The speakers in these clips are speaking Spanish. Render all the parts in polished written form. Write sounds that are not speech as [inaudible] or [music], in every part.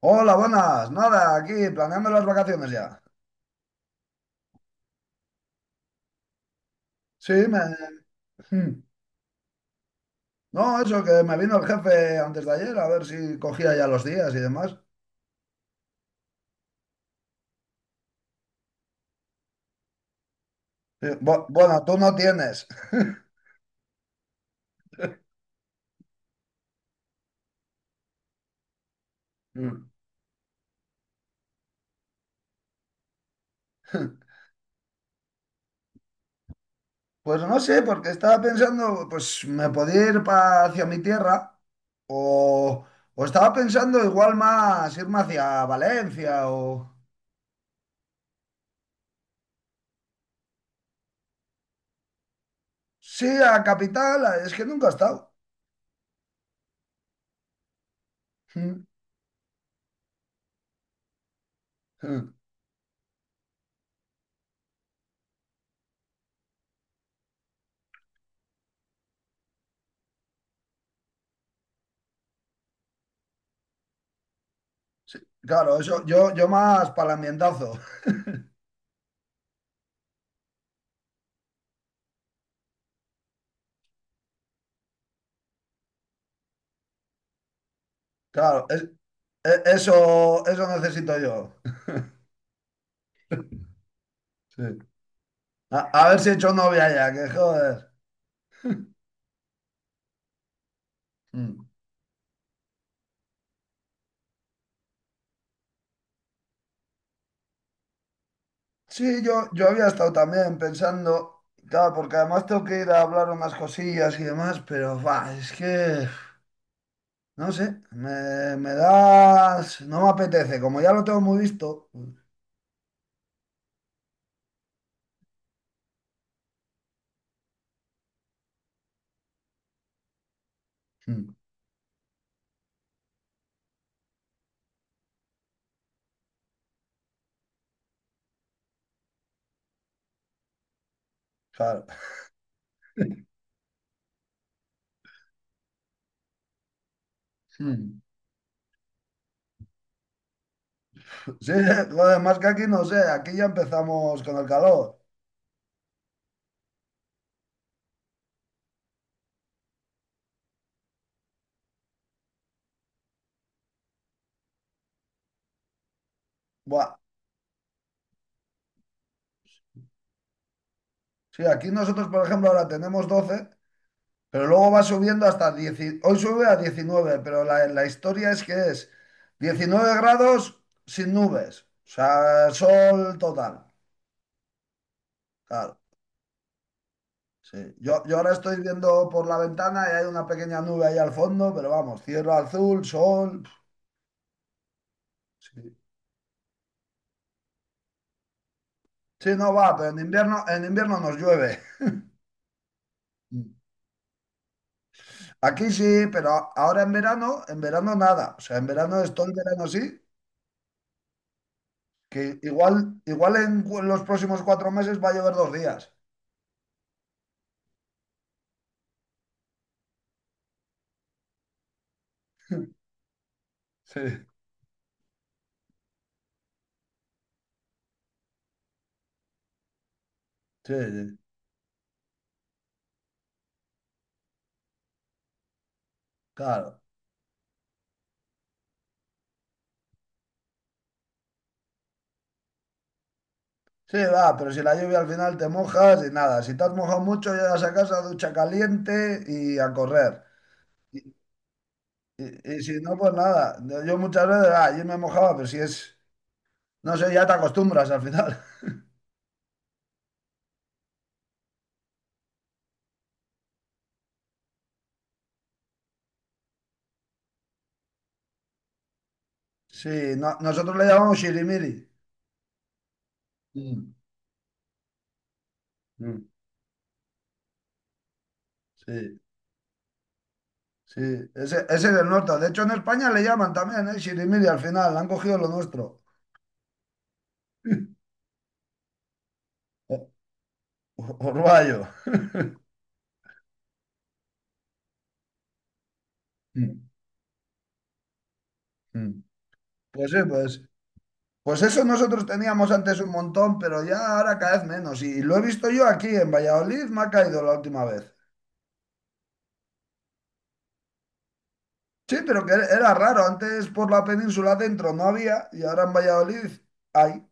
Hola, buenas. Nada, aquí planeando las vacaciones ya. Sí, hmm. No, eso que me vino el jefe antes de ayer a ver si cogía ya los días y demás. Sí, bueno, tú no tienes. [laughs] Mm. Pues no sé, porque estaba pensando, pues me podía ir hacia mi tierra o, o estaba pensando igual más irme hacia Valencia o. Sí, a capital, es que nunca he estado. [laughs] Mm. Mm. Sí, claro, eso, yo más para el ambientazo. [laughs] Claro, eso, eso necesito yo. Sí. A ver si he hecho novia ya, que joder. Mm. Sí, yo había estado también pensando, claro, porque además tengo que ir a hablar unas cosillas y demás, pero va, es que, no sé, me das, no me apetece, como ya lo tengo muy visto. Mm, claro. Mm. Sí, [laughs] joder, más que aquí no sé, aquí ya empezamos con el calor. Buah. Sí, aquí nosotros, por ejemplo, ahora tenemos 12. Pero luego va subiendo hasta 10, hoy sube a 19, pero la historia es que es 19 grados sin nubes, o sea, sol total. Claro, sí. Yo ahora estoy viendo por la ventana y hay una pequeña nube ahí al fondo, pero vamos, cielo azul, sol. Sí. Sí, no va, pero en invierno nos llueve. [laughs] Aquí sí, pero ahora en verano nada. O sea, en verano es todo el verano sí, que igual en los próximos 4 meses va a llover 2 días. Sí. Sí, sí, claro. Sí, va, pero si la lluvia al final te mojas y nada, si te has mojado mucho, llegas a casa, ducha caliente y a correr. Y, y si no, pues nada. Yo muchas veces, ah, yo me mojaba, pero si es, no sé, ya te acostumbras al final. [laughs] Sí, nosotros le llamamos shirimiri. Mm, mm. Sí, sí, ese es el norte. De hecho, en España le llaman también, ¿eh? Shirimiri al final, han cogido lo nuestro. [laughs] O- Orvallo. Mm, mm. Pues sí, pues. Pues eso nosotros teníamos antes un montón, pero ya ahora cada vez menos. Y lo he visto yo aquí en Valladolid, me ha caído la última vez. Sí, pero que era raro. Antes por la península dentro no había y ahora en Valladolid hay.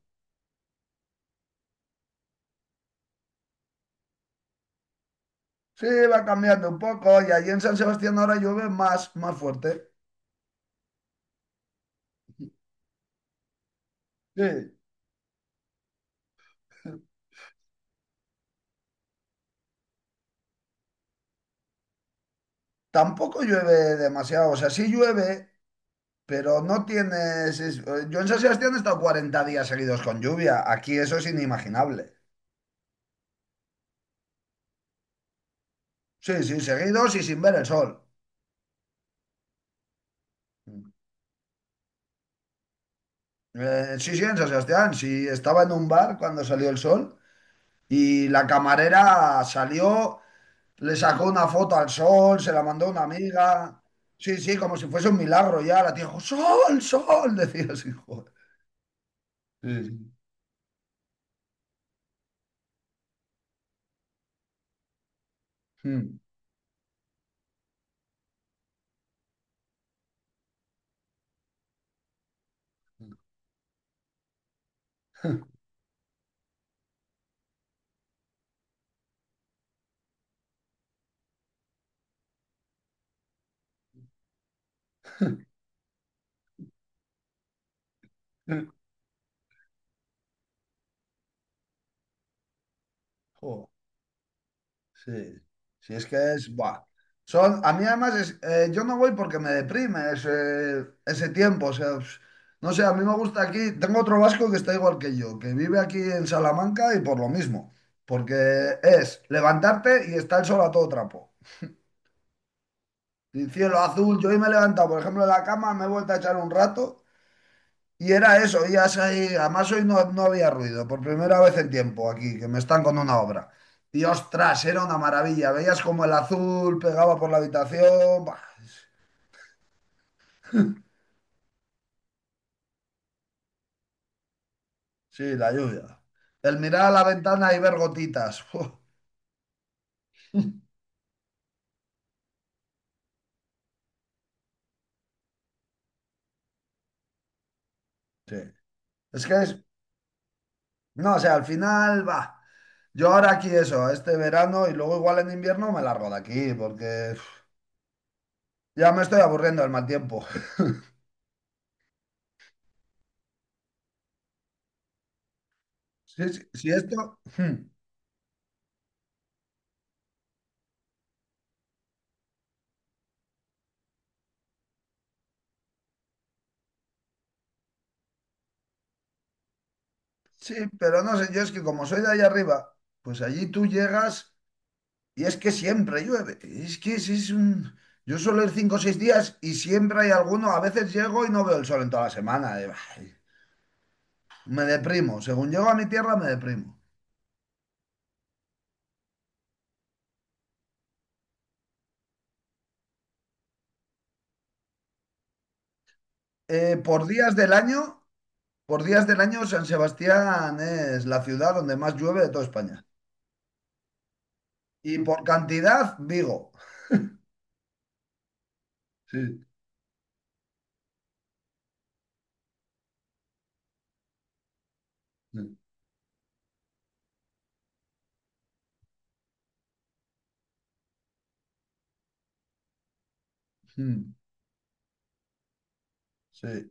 Sí, va cambiando un poco y allí en San Sebastián ahora llueve más, más fuerte. Sí. Tampoco llueve demasiado. O sea, sí llueve, pero no tienes. Yo en San Sebastián he estado 40 días seguidos con lluvia. Aquí eso es inimaginable. Sí, sí, seguidos y sin ver el sol. Sí, sí, en San Sebastián. Sí, estaba en un bar cuando salió el sol y la camarera salió, le sacó una foto al sol, se la mandó a una amiga. Sí, sí, como si fuese un milagro ya. La tía dijo, sol, sol, [laughs] decía así, joder. Sí, sí. Mm. [laughs] Joder. Sí, sí, es que es, buah. Son, a mí además es, yo no voy porque me deprime ese, ese tiempo, o sea, pues, no sé, a mí me gusta aquí, tengo otro vasco que está igual que yo, que vive aquí en Salamanca y por lo mismo, porque es levantarte y está el sol a todo trapo. Y cielo azul, yo hoy me he levantado, por ejemplo, de la cama, me he vuelto a echar un rato y era eso, y además hoy no, no había ruido, por primera vez en tiempo aquí, que me están con una obra. Y ostras, era una maravilla, veías como el azul pegaba por la habitación, buah, sí, la lluvia. El mirar a la ventana y ver gotitas. [laughs] Uf, sí. Es que es, no, o sea, al final, va, yo ahora aquí eso, este verano y luego igual en invierno me largo de aquí, porque uf, ya me estoy aburriendo del mal tiempo. [laughs] Sí, sí, sí, esto. Hmm. Sí, pero no sé, yo es que como soy de allá arriba, pues allí tú llegas y es que siempre llueve. Es que es un. Yo suelo ir 5 o 6 días y siempre hay alguno. A veces llego y no veo el sol en toda la semana. Y, bah, me deprimo. Según llego a mi tierra, me deprimo. Por días del año, San Sebastián es la ciudad donde más llueve de toda España. Y por cantidad, Vigo. Sí, sí, mm, sí.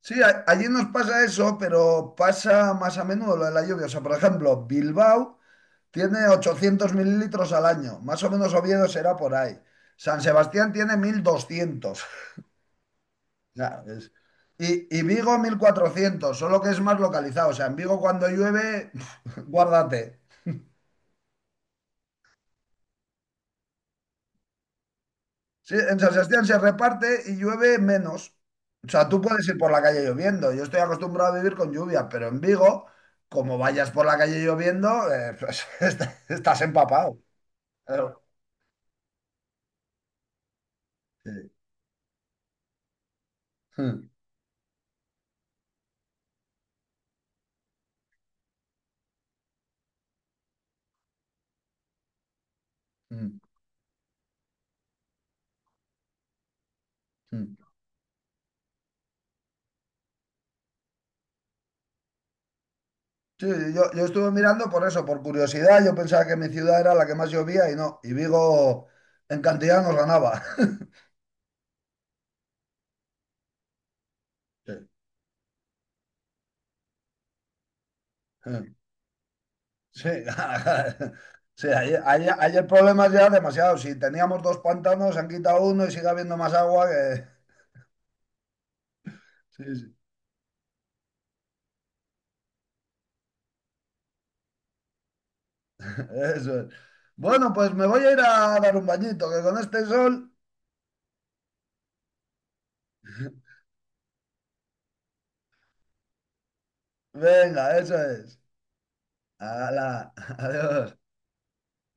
Sí, allí nos pasa eso, pero pasa más a menudo lo de la lluvia. O sea, por ejemplo, Bilbao tiene 800 mililitros al año. Más o menos Oviedo será por ahí. San Sebastián tiene 1200. [laughs] Sea, y Vigo 1400. Solo que es más localizado. O sea, en Vigo cuando llueve, [laughs] guárdate. Sí, en San Sebastián se reparte y llueve menos. O sea, tú puedes ir por la calle lloviendo. Yo estoy acostumbrado a vivir con lluvia, pero en Vigo, como vayas por la calle lloviendo, pues, [laughs] estás empapado. Claro. Sí. Mm, mm, mm. Sí, yo estuve mirando por eso, por curiosidad. Yo pensaba que mi ciudad era la que más llovía y no. Y Vigo en cantidad nos ganaba. [laughs] Sí. Hmm. Sí, [laughs] sí, hay el problema ya demasiado. Si teníamos dos pantanos, se han quitado uno y sigue habiendo más agua que. Sí, sí, [laughs] eso es. Bueno, pues me voy a ir a dar un bañito, que con este sol. [laughs] Venga, eso es. Hala, [laughs] adiós.